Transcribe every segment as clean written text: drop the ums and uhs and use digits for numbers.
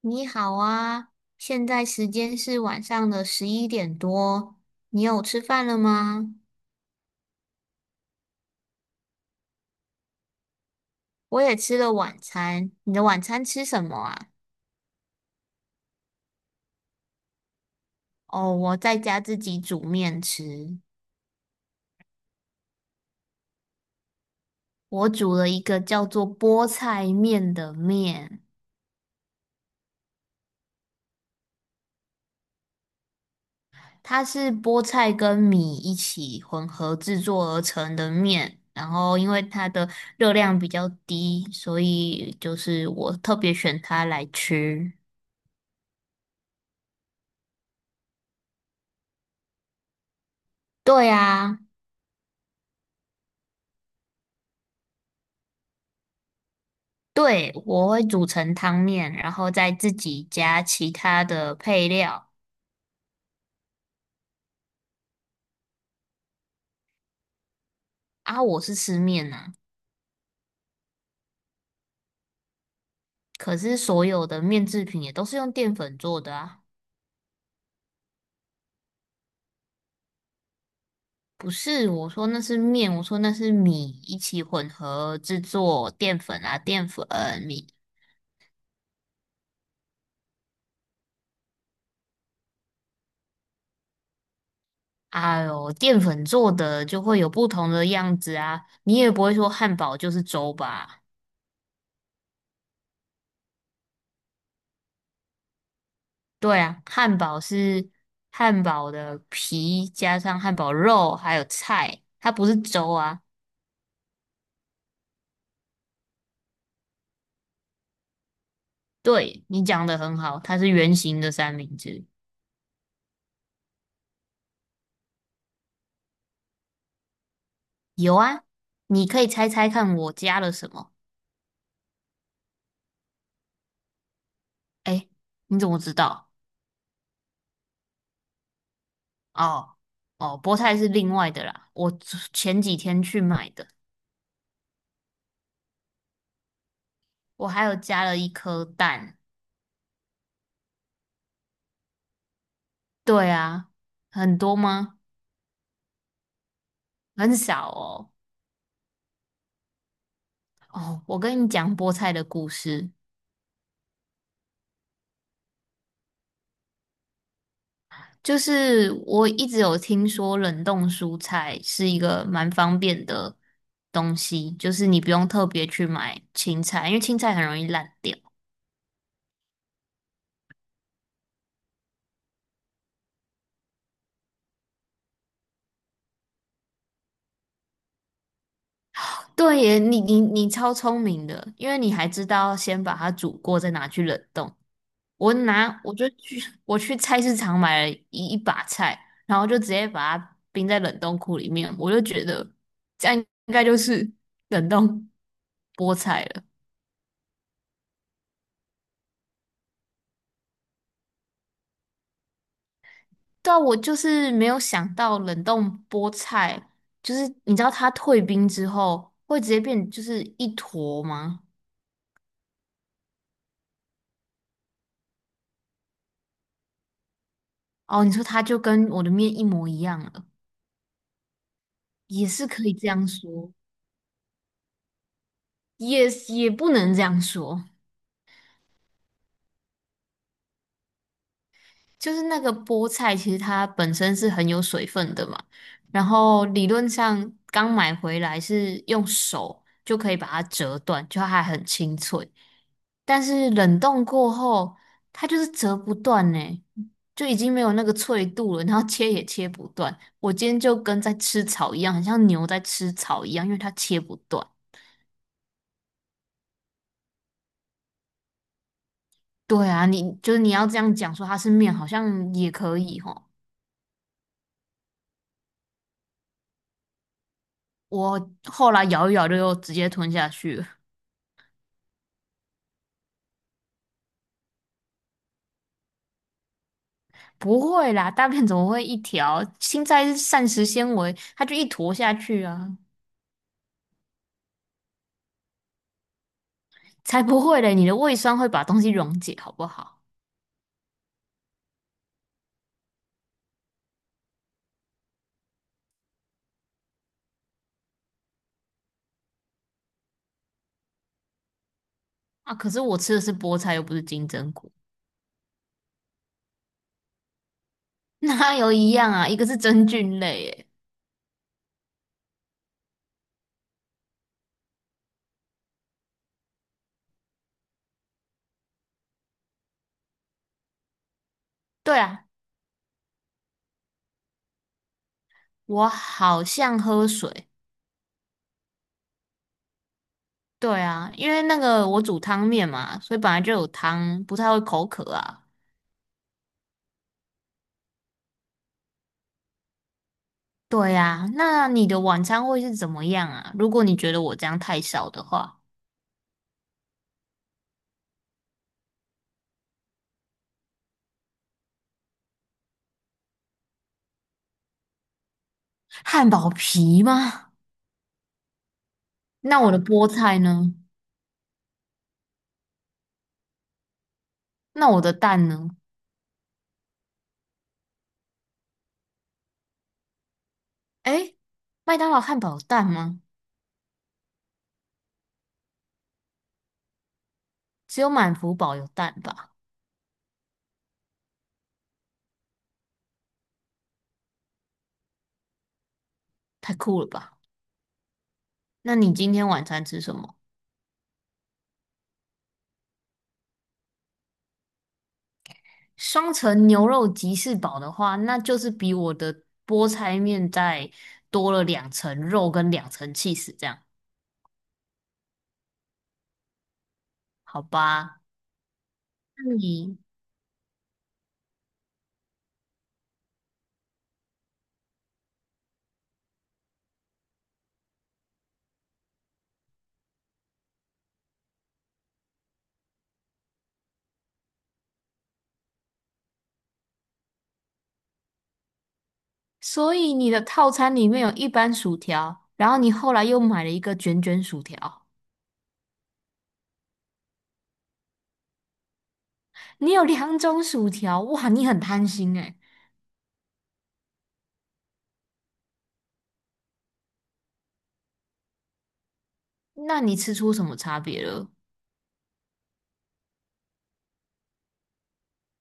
你好啊，现在时间是晚上的11点多，你有吃饭了吗？我也吃了晚餐，你的晚餐吃什么啊？哦，我在家自己煮面吃，我煮了一个叫做菠菜面的面，它是菠菜跟米一起混合制作而成的面，然后因为它的热量比较低，所以就是我特别选它来吃。对啊。对，我会煮成汤面，然后再自己加其他的配料。啊，我是吃面呐，可是所有的面制品也都是用淀粉做的啊。不是，我说那是面，我说那是米，一起混合制作淀粉啊，淀粉米。哎呦，淀粉做的就会有不同的样子啊，你也不会说汉堡就是粥吧？对啊，汉堡是汉堡的皮加上汉堡肉还有菜，它不是粥啊。对，你讲的很好，它是圆形的三明治。有啊，你可以猜猜看我加了什么？哎，你怎么知道？哦哦，菠菜是另外的啦，我昨前几天去买的。我还有加了一颗蛋。对啊，很多吗？很少哦。哦，我跟你讲菠菜的故事。就是我一直有听说冷冻蔬菜是一个蛮方便的东西，就是你不用特别去买青菜，因为青菜很容易烂掉。对耶，你超聪明的，因为你还知道先把它煮过，再拿去冷冻。我拿我就去我去菜市场买了一把菜，然后就直接把它冰在冷冻库里面，我就觉得这样应该就是冷冻菠菜了。对啊我就是没有想到冷冻菠菜，就是你知道它退冰之后会直接变就是一坨吗？哦，你说它就跟我的面一模一样了，也是可以这样说，也不能这样说，就是那个菠菜其实它本身是很有水分的嘛，然后理论上刚买回来是用手就可以把它折断，就它还很清脆，但是冷冻过后它就是折不断呢。就已经没有那个脆度了，然后切也切不断。我今天就跟在吃草一样，很像牛在吃草一样，因为它切不断。对啊，你就是你要这样讲说它是面，好像也可以吼。我后来咬一咬就又直接吞下去了。不会啦，大便怎么会一条？青菜是膳食纤维，它就一坨下去啊，才不会嘞！你的胃酸会把东西溶解，好不好？啊，可是我吃的是菠菜，又不是金针菇，哪有一样啊？一个是真菌类，诶。对啊，我好像喝水，对啊，因为那个我煮汤面嘛，所以本来就有汤，不太会口渴啊。对呀，那你的晚餐会是怎么样啊？如果你觉得我这样太少的话，汉堡皮吗？那我的菠菜呢？那我的蛋呢？诶，麦当劳汉堡有蛋吗？只有满福堡有蛋吧？太酷了吧？那你今天晚餐吃什么？双层牛肉吉士堡的话，那就是比我的菠菜面再多了两层肉跟两层 cheese，这样好吧？那你所以你的套餐里面有一般薯条，然后你后来又买了一个卷卷薯条，你有两种薯条，哇，你很贪心诶。那你吃出什么差别了？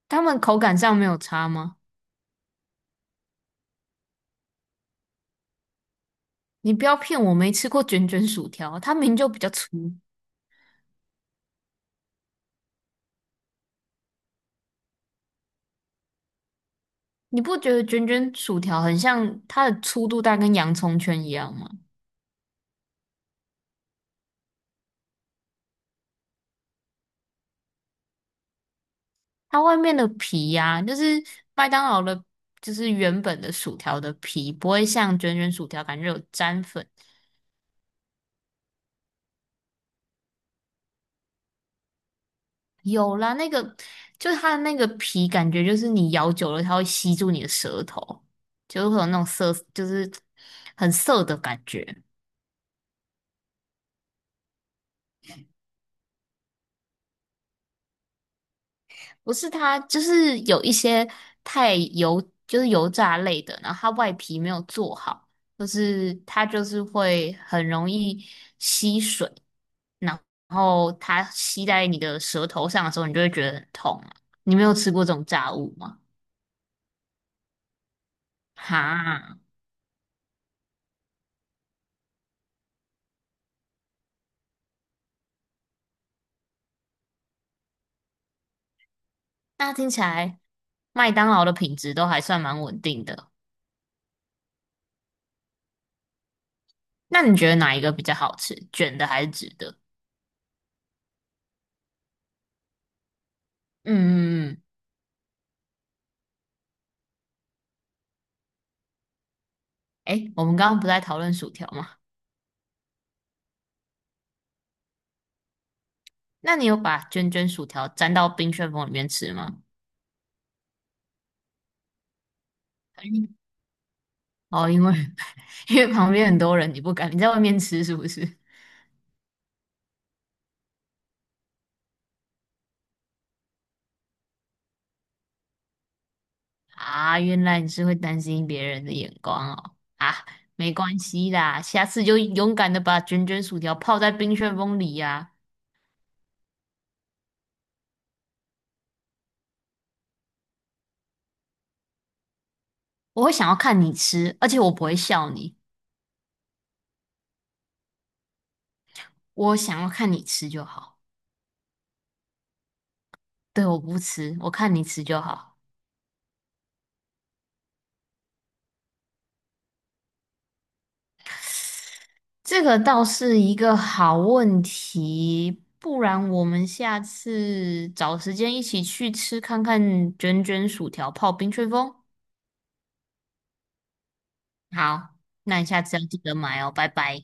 他们口感上没有差吗？你不要骗我，没吃过卷卷薯条，它名就比较粗。你不觉得卷卷薯条很像它的粗度大概跟洋葱圈一样吗？它外面的皮呀、就是麦当劳的，就是原本的薯条的皮，不会像卷卷薯条感觉有粘粉。有啦，那个就是它的那个皮，感觉就是你咬久了，它会吸住你的舌头，就会有那种涩，就是很涩的感觉。不是它，就是有一些太油，就是油炸类的，然后它外皮没有做好，就是它就是会很容易吸水，然后它吸在你的舌头上的时候，你就会觉得很痛啊。你没有吃过这种炸物吗？哈，那听起来麦当劳的品质都还算蛮稳定的。那你觉得哪一个比较好吃，卷的还是直的？嗯嗯嗯，诶，我们刚刚不在讨论薯条吗？那你有把卷卷薯条沾到冰旋风里面吃吗？嗯哦，因为 因为旁边很多人，你不敢，你在外面吃是不是？啊，原来你是会担心别人的眼光哦。啊，没关系啦，下次就勇敢的把卷卷薯条泡在冰旋风里呀、我会想要看你吃，而且我不会笑你，我想要看你吃就好。对，我不吃，我看你吃就好。这个倒是一个好问题，不然我们下次找时间一起去吃看看卷卷薯条泡冰吹风。好，那你下次要记得买哦，拜拜。